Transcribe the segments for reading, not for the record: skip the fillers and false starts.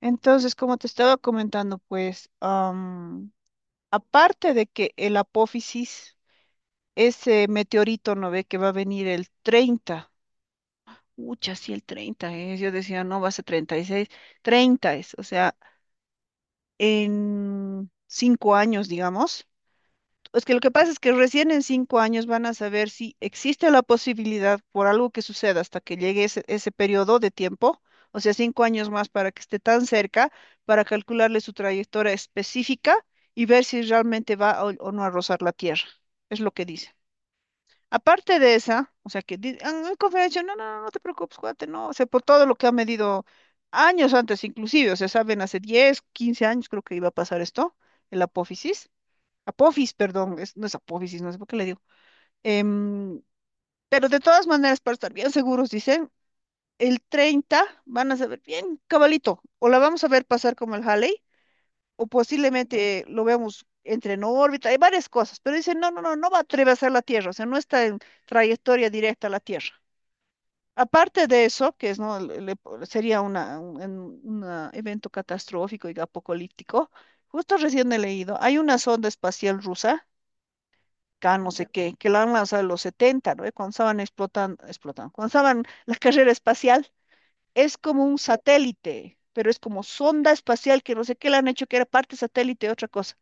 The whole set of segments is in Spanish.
Entonces, como te estaba comentando, pues, aparte de que el apófisis, ese meteorito, ¿no ve? Que va a venir el treinta. Ucha, sí, el 30, es. Yo decía, no, va a ser 36. Treinta es. O sea, en 5 años, digamos. Es que lo que pasa es que recién en 5 años van a saber si existe la posibilidad por algo que suceda hasta que llegue ese periodo de tiempo, o sea, 5 años más para que esté tan cerca, para calcularle su trayectoria específica y ver si realmente va o no a rozar la Tierra. Es lo que dice. Aparte de esa, o sea, que en conferencia, no, no, no, no te preocupes, cuate, no, o sea, por todo lo que ha medido años antes inclusive, o sea, saben, hace 10 15 años creo que iba a pasar esto, el apófisis. Apophis, perdón, no es Apófisis, no sé por qué le digo. Em, pero de todas maneras, para estar bien seguros, dicen, el 30 van a saber bien, cabalito, o la vamos a ver pasar como el Halley, o posiblemente lo veamos entre en órbita, hay varias cosas, pero dicen, no, no, no, no va a atravesar la Tierra. O sea, no está en trayectoria directa a la Tierra. Aparte de eso, que es, ¿no? Sería una evento catastrófico y apocalíptico. Justo recién he leído, hay una sonda espacial rusa Can, no sé qué, que la han lanzado en los 70, ¿no? Cuando estaban explotando, explotando, cuando estaban la carrera espacial. Es como un satélite, pero es como sonda espacial que no sé qué le han hecho, que era parte satélite, otra cosa.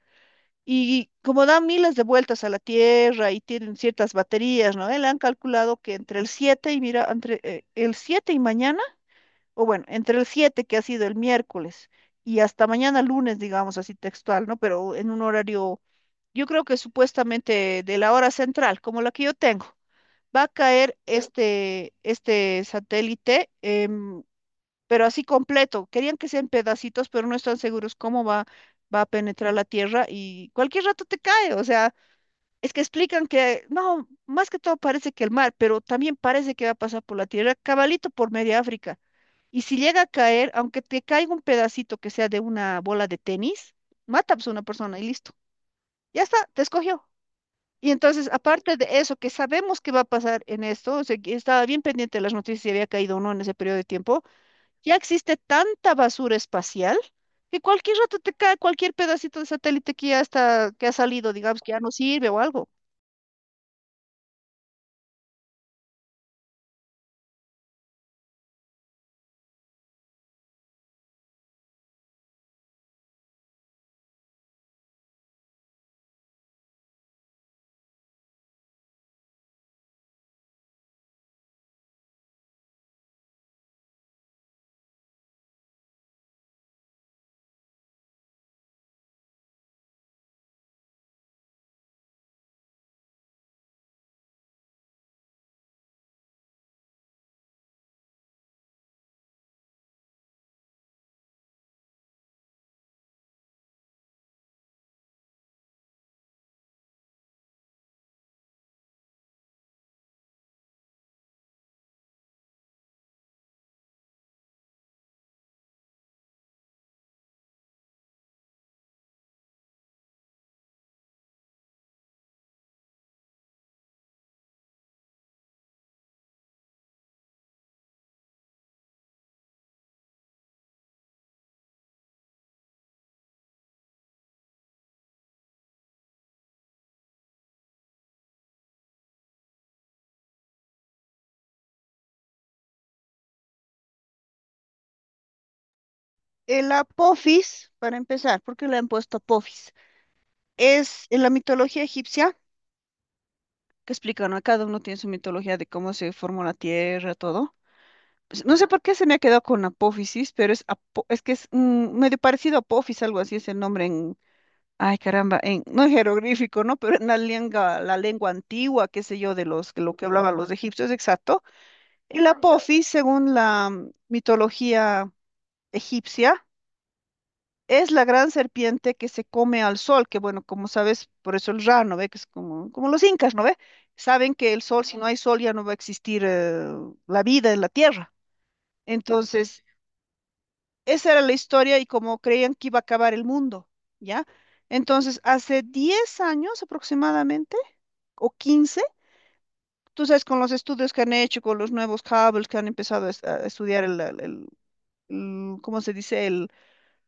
Y como dan miles de vueltas a la Tierra y tienen ciertas baterías, ¿no? Le han calculado que entre el 7 y mira, entre el 7 y mañana, o bueno, entre el 7 que ha sido el miércoles y hasta mañana lunes, digamos así textual, ¿no? Pero en un horario yo creo que supuestamente de la hora central, como la que yo tengo, va a caer este satélite, pero así completo. Querían que sean pedacitos, pero no están seguros cómo va, va a penetrar la Tierra y cualquier rato te cae. O sea, es que explican que no, más que todo parece que el mar, pero también parece que va a pasar por la Tierra, cabalito por media África. Y si llega a caer, aunque te caiga un pedacito que sea de una bola de tenis, mata pues, a una persona y listo. Ya está, te escogió. Y entonces, aparte de eso, que sabemos que va a pasar en esto, o sea, que estaba bien pendiente de las noticias si había caído o no en ese periodo de tiempo, ya existe tanta basura espacial que cualquier rato te cae cualquier pedacito de satélite que ya está, que ha salido, digamos, que ya no sirve o algo. El Apophis, para empezar, ¿por qué le han puesto Apophis? Es en la mitología egipcia, que explican, ¿no? Cada uno tiene su mitología de cómo se formó la Tierra, todo. Pues, no sé por qué se me ha quedado con apófisis, pero es, es que es medio parecido a apófis, algo así es el nombre en, ay caramba, no en jeroglífico, ¿no? Pero en la lengua antigua, qué sé yo, lo que hablaban los egipcios, exacto. El apófis, según la mitología egipcia, es la gran serpiente que se come al sol, que bueno, como sabes, por eso el Ra, ¿no ve? Que es como, los incas, ¿no ve? Saben que el sol, si no hay sol, ya no va a existir la vida en la tierra. Entonces, esa era la historia y como creían que iba a acabar el mundo. ¿Ya? Entonces, hace 10 años aproximadamente, o 15, tú sabes, con los estudios que han hecho, con los nuevos Hubble que han empezado a, a estudiar ¿cómo se dice?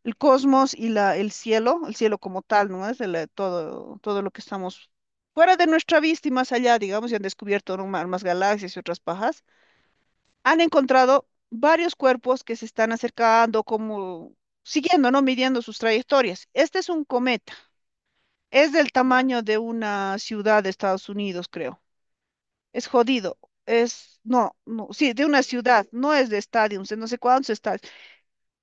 El cosmos y el cielo como tal, ¿no? Es todo, todo lo que estamos fuera de nuestra vista y más allá, digamos, y han descubierto ¿no? más, más galaxias y otras pajas, han encontrado varios cuerpos que se están acercando, como siguiendo, ¿no? Midiendo sus trayectorias. Este es un cometa. Es del tamaño de una ciudad de Estados Unidos, creo. Es jodido. Es, no, no, sí, de una ciudad, no es de estadios, de no sé cuántos estadios.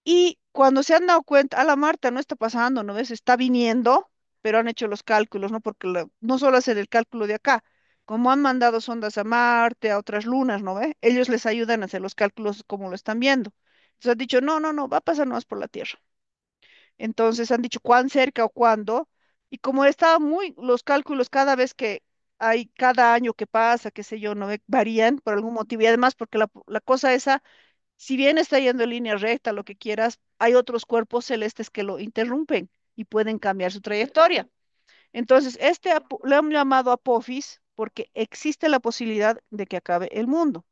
Y cuando se han dado cuenta, a la Marta no está pasando, ¿no ves? Está viniendo, pero han hecho los cálculos, ¿no? Porque no solo hacen el cálculo de acá, como han mandado sondas a Marte, a otras lunas, ¿no ve? Ellos les ayudan a hacer los cálculos como lo están viendo. Entonces han dicho, no, no, no, va a pasar más por la Tierra. Entonces han dicho cuán cerca o cuándo. Y como estaba los cálculos cada vez que hay, cada año que pasa, qué sé yo, no ve, varían por algún motivo. Y además porque la cosa esa, si bien está yendo en línea recta, lo que quieras, hay otros cuerpos celestes que lo interrumpen y pueden cambiar su trayectoria. Entonces, lo han llamado Apophis porque existe la posibilidad de que acabe el mundo.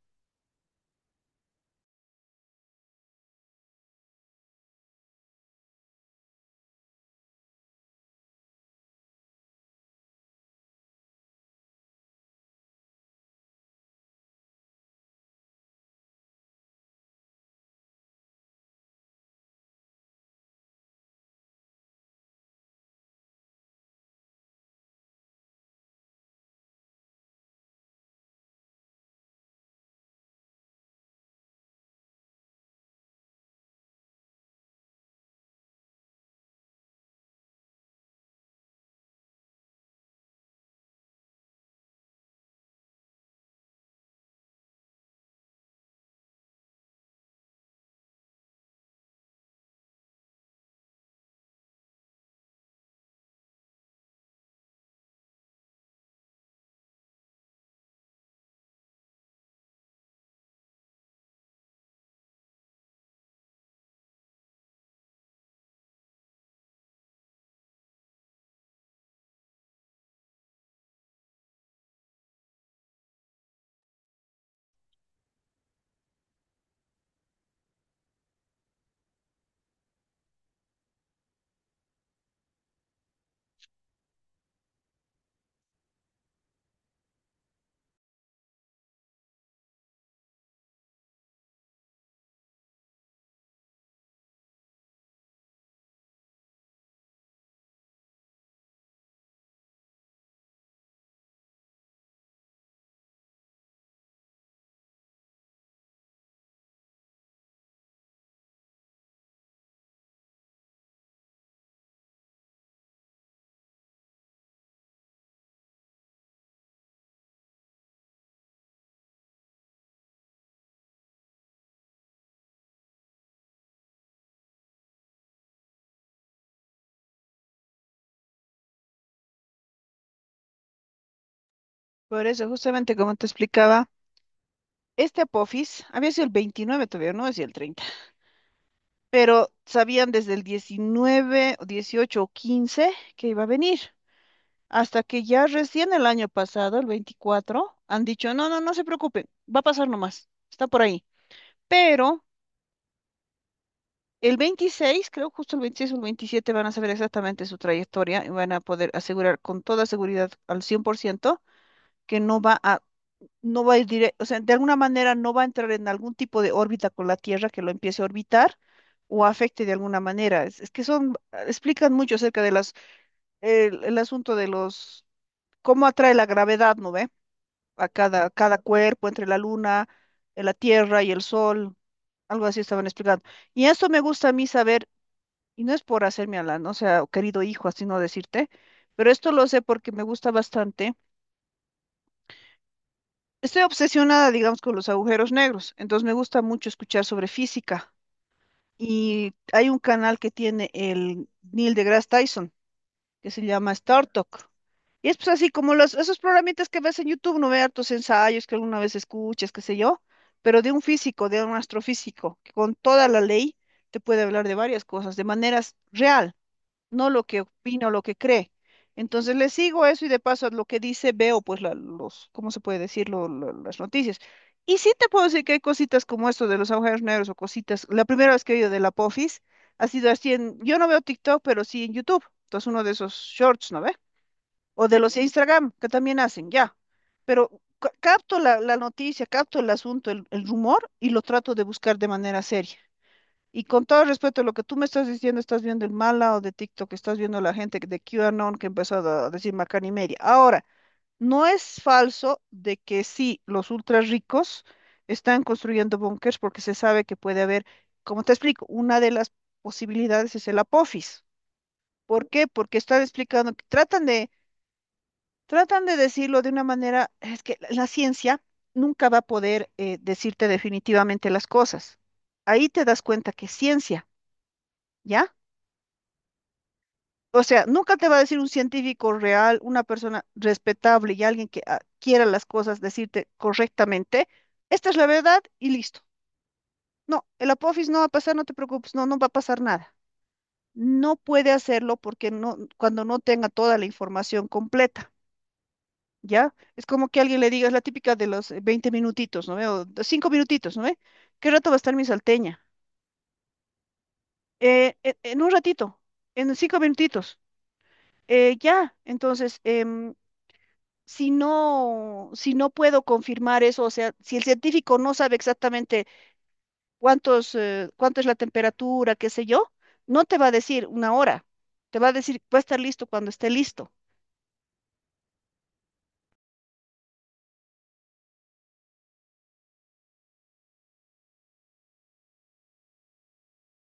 Por eso, justamente como te explicaba, este Apophis había sido el 29 todavía, no decía el 30, pero sabían desde el 19, o 18 o 15 que iba a venir, hasta que ya recién el año pasado, el 24, han dicho, no, no, no se preocupen, va a pasar nomás, está por ahí. Pero el 26 creo justo el 26 o el 27 van a saber exactamente su trayectoria y van a poder asegurar con toda seguridad al 100% que no va a, no va a ir directo. O sea, de alguna manera no va a entrar en algún tipo de órbita con la Tierra que lo empiece a orbitar o afecte de alguna manera. Es que son, explican mucho acerca de las, el asunto de los, cómo atrae la gravedad, ¿no ve? A cada cuerpo entre la Luna, la Tierra y el Sol, algo así estaban explicando. Y eso me gusta a mí saber. Y no es por hacerme a la ¿no? sea, querido hijo, así no decirte, pero esto lo sé porque me gusta bastante. Estoy obsesionada, digamos, con los agujeros negros, entonces me gusta mucho escuchar sobre física. Y hay un canal que tiene el Neil deGrasse Tyson, que se llama Star Talk. Y es pues así como esos programitas que ves en YouTube, no ve hartos ensayos que alguna vez escuchas, qué sé yo, pero de un físico, de un astrofísico, que con toda la ley te puede hablar de varias cosas, de maneras real, no lo que opina o lo que cree. Entonces le sigo eso y de paso a lo que dice veo pues ¿cómo se puede decir? Las noticias. Y sí te puedo decir que hay cositas como esto de los agujeros negros o cositas. La primera vez que he oído de la Pofis ha sido así yo no veo TikTok, pero sí en YouTube. Entonces uno de esos shorts, ¿no ve? O de los de Instagram, que también hacen, ya. Pero capto la noticia, capto el asunto, el rumor y lo trato de buscar de manera seria. Y con todo respeto, lo que tú me estás diciendo, estás viendo el mal lado de TikTok, estás viendo la gente de QAnon que empezó a decir macana y media. Ahora, no es falso de que sí, los ultra ricos están construyendo búnkers porque se sabe que puede haber, como te explico, una de las posibilidades es el apófis. ¿Por qué? Porque están explicando, que tratan de decirlo de una manera, es que la ciencia nunca va a poder decirte definitivamente las cosas. Ahí te das cuenta que es ciencia. ¿Ya? O sea, nunca te va a decir un científico real, una persona respetable y alguien que quiera las cosas decirte correctamente, esta es la verdad y listo. No, el Apophis no va a pasar, no te preocupes, no, no va a pasar nada. No puede hacerlo porque no, cuando no tenga toda la información completa, ¿ya? Es como que alguien le diga, es la típica de los 20 minutitos, ¿no ve? O de 5 minutitos, ¿no ve? ¿Qué rato va a estar mi salteña? "En un ratito, en 5 minutitos. Ya, entonces, si no, si no puedo confirmar eso, o sea, si el científico no sabe exactamente cuánto es la temperatura, qué sé yo, no te va a decir una hora, te va a decir, va a estar listo cuando esté listo."